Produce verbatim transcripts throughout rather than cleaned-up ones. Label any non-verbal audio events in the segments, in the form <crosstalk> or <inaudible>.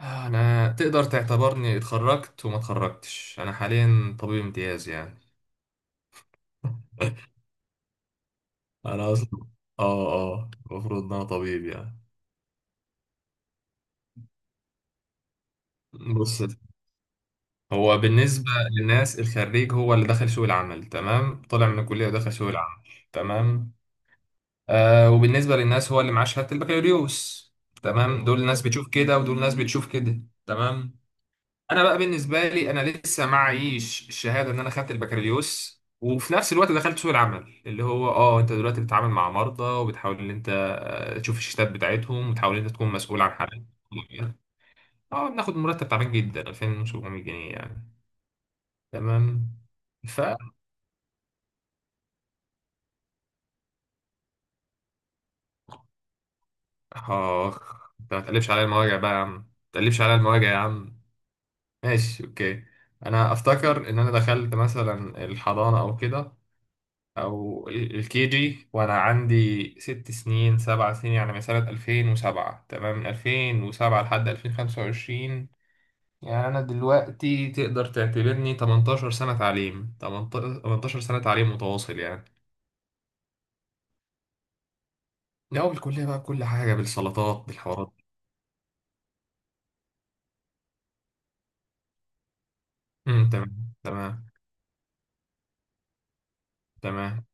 انا تقدر تعتبرني اتخرجت وما اتخرجتش، انا حاليا طبيب امتياز يعني. <laughs> انا اصلا، اه اه المفروض ان انا طبيب يعني. بص، هو بالنسبه للناس الخريج هو اللي دخل سوق العمل، تمام، طلع من الكليه ودخل سوق العمل. تمام. آه وبالنسبه للناس هو اللي معاه شهاده البكالوريوس. تمام، دول ناس بتشوف كده ودول ناس بتشوف كده. تمام. انا بقى بالنسبه لي، انا لسه معيش الشهاده ان انا خدت البكالوريوس وفي نفس الوقت دخلت سوق العمل، اللي هو اه انت دلوقتي بتتعامل مع مرضى وبتحاول ان انت آه، تشوف الشتات بتاعتهم وتحاول ان انت تكون مسؤول عن حالات. اه، بناخد مرتب تعبان جدا، الفين وسبعمية جنيه يعني. تمام. ف اخ، انت ما تقلبش عليا المواجع بقى يا عم، ما تقلبش عليا المواجع يا عم. ماشي، اوكي. انا افتكر ان انا دخلت مثلا الحضانه او كده، او الكي جي، وانا عندي ست سنين سبع سنين يعني، من سنة الفين وسبعة. تمام، من الفين وسبعة لحد الفين وخمسة وعشرين. يعني انا دلوقتي تقدر تعتبرني تمنتاشر سنة تعليم، تمنتاشر سنة تعليم متواصل يعني. لا، بالكلية بقى، بكل حاجة، بالسلطات، بالحوارات. امم، تمام تمام. تمام.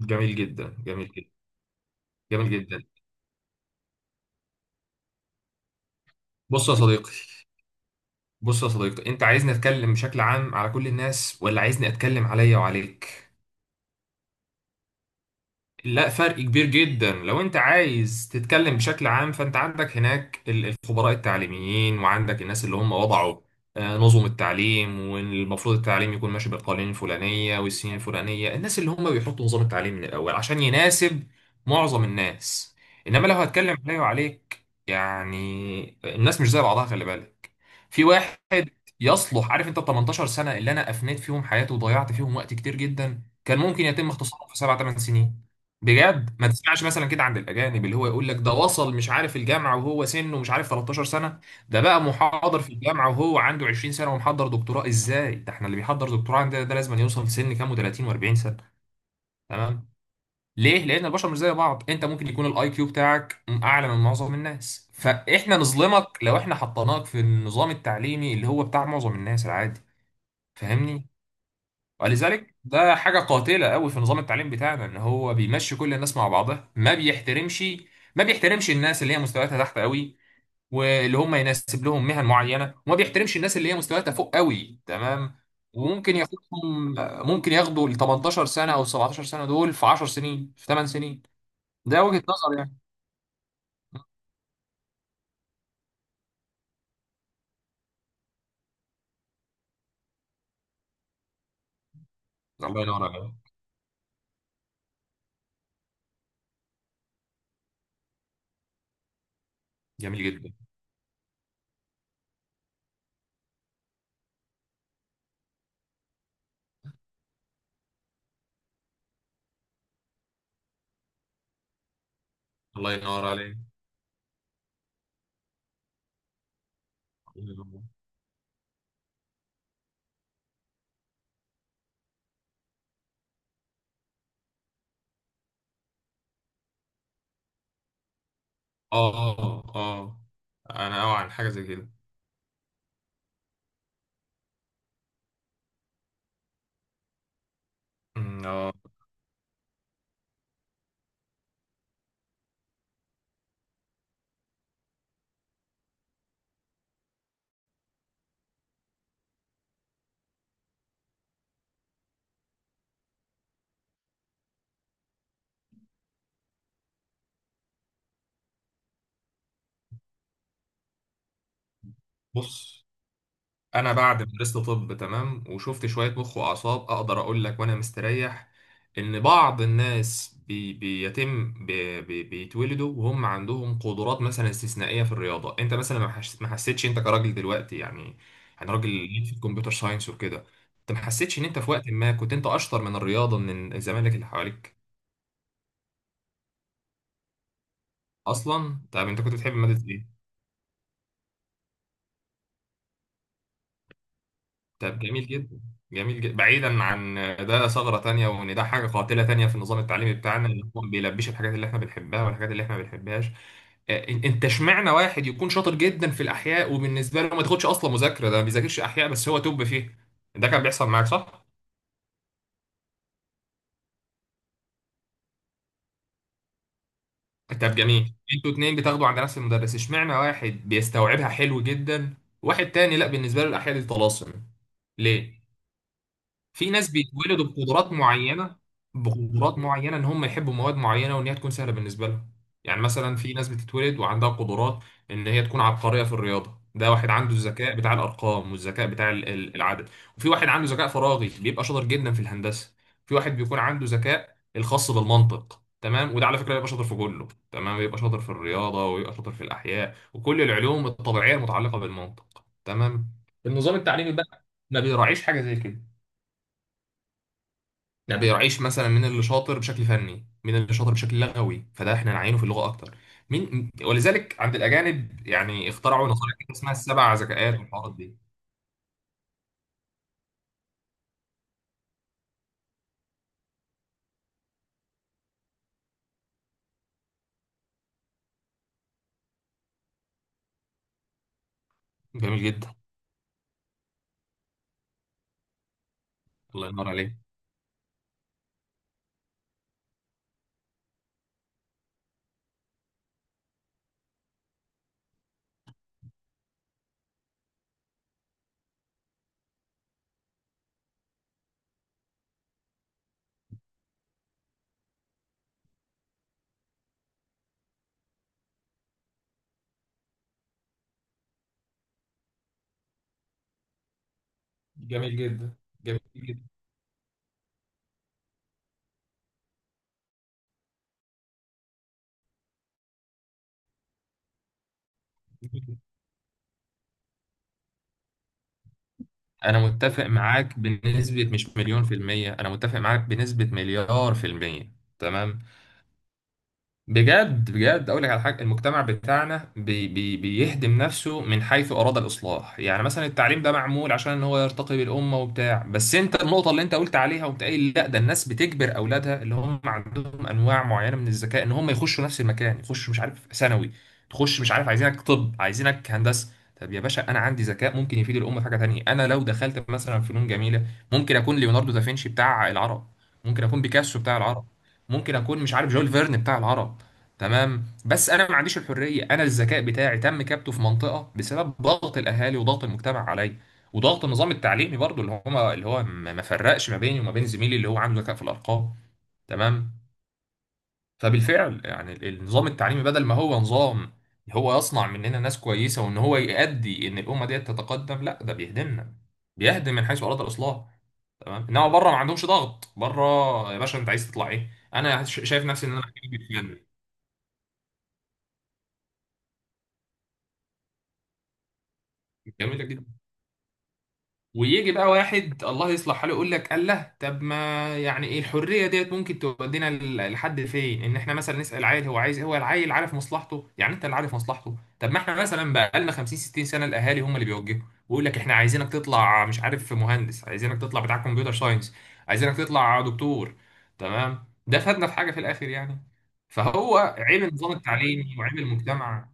جميل جدا، جميل جدا. جميل جدا. بص يا صديقي، بص يا صديقي، انت عايزني اتكلم بشكل عام على كل الناس، ولا عايزني اتكلم عليا وعليك؟ لا، فرق كبير جدا. لو انت عايز تتكلم بشكل عام، فانت عندك هناك ال- الخبراء التعليميين، وعندك الناس اللي هم وضعوا آه، نظم التعليم، والمفروض التعليم يكون ماشي بالقوانين الفلانية والسنين الفلانية. الناس اللي هم بيحطوا نظام التعليم من الأول عشان يناسب معظم الناس. إنما لو هتكلم عليه وعليك، يعني الناس مش زي بعضها، خلي بالك. في واحد يصلح، عارف، انت تمنتاشر سنة اللي انا افنيت فيهم حياتي وضيعت فيهم وقت كتير جدا كان ممكن يتم اختصاره في سبع ثمان سنين، بجد. ما تسمعش مثلا كده عند الاجانب، اللي هو يقول لك ده وصل، مش عارف، الجامعه وهو سنه، مش عارف، تلتاشر سنه. ده بقى محاضر في الجامعه وهو عنده عشرين سنه، ومحضر دكتوراه. ازاي؟ ده احنا اللي بيحضر دكتوراه عندنا ده لازم يوصل في سن كام، و30 و40 سنه. تمام. ليه؟ لان البشر مش زي بعض. انت ممكن يكون الاي كيو بتاعك اعلى من معظم الناس، فاحنا نظلمك لو احنا حطيناك في النظام التعليمي اللي هو بتاع معظم الناس العادي. فاهمني؟ ولذلك ده حاجة قاتلة قوي في نظام التعليم بتاعنا، ان هو بيمشي كل الناس مع بعضها. ما بيحترمش، ما بيحترمش الناس اللي هي مستوياتها تحت قوي، واللي هم يناسب لهم مهن معينة، وما بيحترمش الناس اللي هي مستوياتها فوق قوي، تمام، وممكن ياخدهم، ممكن ياخدوا ال ثمانية عشر سنة او سبعة عشر سنة دول في عشر سنين، في تمن سنين. ده وجهة نظر يعني. الله ينور عليك. جميل جدا. الله ينور عليك. الله ينور. اه اه اه، انا اوعى عن حاجة زي كده. أمم، اه. بص، انا بعد ما درست طب، تمام، وشفت شويه مخ واعصاب، اقدر اقول لك وانا مستريح ان بعض الناس بي بيتم بي بي بيتولدوا وهم عندهم قدرات مثلا استثنائيه في الرياضه. انت مثلا ما حس- ما حسيتش انت كراجل دلوقتي يعني. انا راجل ليك في الكمبيوتر ساينس وكده. انت ما حسيتش ان انت في وقت ما كنت انت اشطر من الرياضه، من الزمالك اللي حواليك؟ اصلا طب انت كنت بتحب ماده ايه؟ طب جميل جدا، جميل جدا. بعيدا عن ده، ثغرة تانية، وان ده حاجة قاتلة تانية في النظام التعليمي بتاعنا، ان هو ما بيلبيش الحاجات اللي احنا بنحبها والحاجات اللي احنا ما بنحبهاش. آه، إن- انت اشمعنى واحد يكون شاطر جدا في الاحياء وبالنسبة له ما تاخدش اصلا مذاكرة، ده ما بيذاكرش احياء بس هو توب فيه. ده كان بيحصل معاك، صح؟ طب جميل، انتوا اتنين بتاخدوا عند نفس المدرس، اشمعنى واحد بيستوعبها حلو جدا، واحد تاني لا، بالنسبة له الاحياء دي طلاسم. ليه؟ في ناس بيتولدوا بقدرات معينه، بقدرات معينه ان هم يحبوا مواد معينه وان هي تكون سهله بالنسبه لهم. يعني مثلا في ناس بتتولد وعندها قدرات ان هي تكون عبقريه في الرياضه. ده واحد عنده الذكاء بتاع الارقام والذكاء بتاع ال- ال- العدد. وفي واحد عنده ذكاء فراغي بيبقى شاطر جدا في الهندسه. في واحد بيكون عنده ذكاء الخاص بالمنطق، تمام، وده على فكره بيبقى شاطر في كله. تمام، بيبقى شاطر في الرياضه ويبقى شاطر في الاحياء وكل العلوم الطبيعيه المتعلقه بالمنطق. تمام. النظام التعليمي بقى ما بيراعيش حاجه زي كده. لا بيراعيش مثلا مين اللي شاطر بشكل فني، مين اللي شاطر بشكل لغوي فده احنا نعينه في اللغه اكتر، مين. ولذلك عند الاجانب يعني اخترعوا نظريه كده اسمها السبع ذكاءات والحوارات دي. جميل جدا. الله ينور عليك. جميل جدا. جميل جدا. انا متفق معاك بنسبه مش مليون في الميه، انا متفق معاك بنسبه مليار في الميه. تمام. بجد بجد، اقول لك على حاجه. المجتمع بتاعنا بي بي بيهدم نفسه من حيث اراد الاصلاح. يعني مثلا التعليم ده معمول عشان ان هو يرتقي بالامه وبتاع، بس انت النقطه اللي انت قلت عليها وقمت قايل، لا، ده الناس بتجبر اولادها اللي هم عندهم انواع معينه من الذكاء ان هم يخشوا نفس المكان، يخشوا، مش عارف، ثانوي. تخش، مش عارف، عايزينك طب، عايزينك هندسه. طب يا باشا، انا عندي ذكاء ممكن يفيد الامه في حاجه تانيه. انا لو دخلت مثلا فنون جميله، ممكن اكون ليوناردو دافنشي بتاع العرب، ممكن اكون بيكاسو بتاع العرب، ممكن اكون، مش عارف، جول فيرن بتاع العرب. تمام. بس انا ما عنديش الحريه. انا الذكاء بتاعي تم كبته في منطقه بسبب ضغط الاهالي وضغط المجتمع عليا وضغط النظام التعليمي برضو، اللي هو اللي هو ما ما فرقش ما بيني وما بين زميلي اللي هو عنده ذكاء في الارقام. تمام. فبالفعل يعني ال- النظام التعليمي، بدل ما هو نظام هو يصنع مننا ناس كويسه وان هو يؤدي ان الامه ديت تتقدم، لا، ده بيهدمنا. بيهدم من حيث اراد الاصلاح. تمام. انما بره ما عندهمش ضغط. بره، يا باشا انت عايز تطلع ايه؟ انا ش- شايف نفسي ان انا جميله جدا، ويجي بقى واحد الله يصلح حاله يقول لك الله، طب ما. يعني ايه الحريه ديت ممكن تودينا ل- لحد فين؟ ان احنا مثلا نسال عيل هو عايز، هو العيل عارف مصلحته يعني؟ انت اللي عارف مصلحته، طب ما احنا مثلا بقى لنا خمسين ستين سنه، الاهالي هم اللي بيوجهوا، ويقول لك احنا عايزينك تطلع، مش عارف، مهندس، عايزينك تطلع بتاع كمبيوتر ساينس، عايزينك تطلع دكتور. تمام. ده فادنا في حاجه في الاخر يعني؟ فهو عيب النظام التعليمي وعيب المجتمع.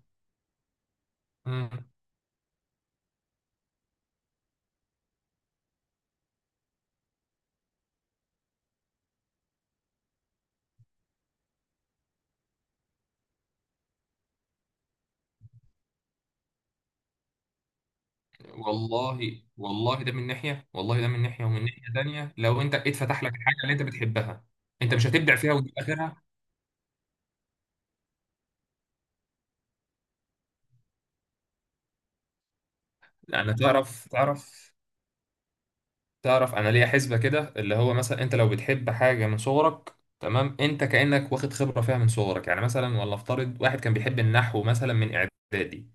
والله والله ده من ناحية، والله ده من ناحية، ومن ناحية تانية لو انت اتفتح لك الحاجة اللي انت بتحبها، انت مش هتبدع فيها وتجيب اخرها. انا تعرف تعرف تعرف، انا ليا حسبة كده، اللي هو مثلا انت لو بتحب حاجة من صغرك، تمام، انت كأنك واخد خبرة فيها من صغرك. يعني مثلا، ولا افترض واحد كان بيحب النحو مثلا من اعدادي،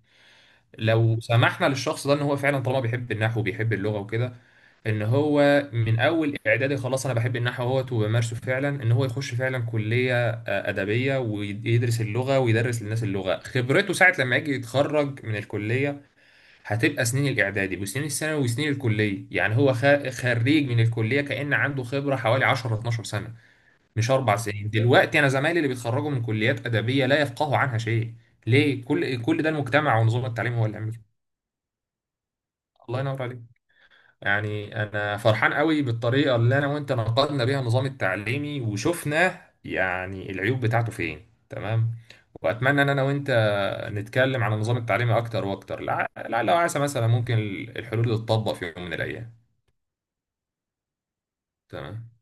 لو سمحنا للشخص ده، ان هو فعلا طالما بيحب النحو وبيحب اللغه وكده، ان هو من اول اعدادي خلاص انا بحب النحو اهوت وبمارسه فعلا، ان هو يخش فعلا كليه آه، ادبيه ويدرس اللغه ويدرس للناس اللغه، خبرته ساعه لما يجي يتخرج من الكليه هتبقى سنين الاعدادي وسنين الثانوي وسنين الكليه. يعني هو خ- خريج من الكليه كان عنده خبره حوالي عشر اتناشر سنه، مش اربع سنين. دلوقتي انا زمايلي اللي بيتخرجوا من كليات ادبيه لا يفقهوا عنها شيء. ليه؟ كل كل ده المجتمع ونظام التعليم هو اللي عامل. الله ينور عليك. يعني انا فرحان قوي بالطريقه اللي انا وانت نقدنا بيها النظام التعليمي وشفنا يعني العيوب بتاعته فين. تمام. واتمنى ان انا وانت نتكلم عن النظام التعليمي اكتر واكتر، لع- لعل وعسى مثلا ممكن الحلول تتطبق في يوم من الايام. تمام.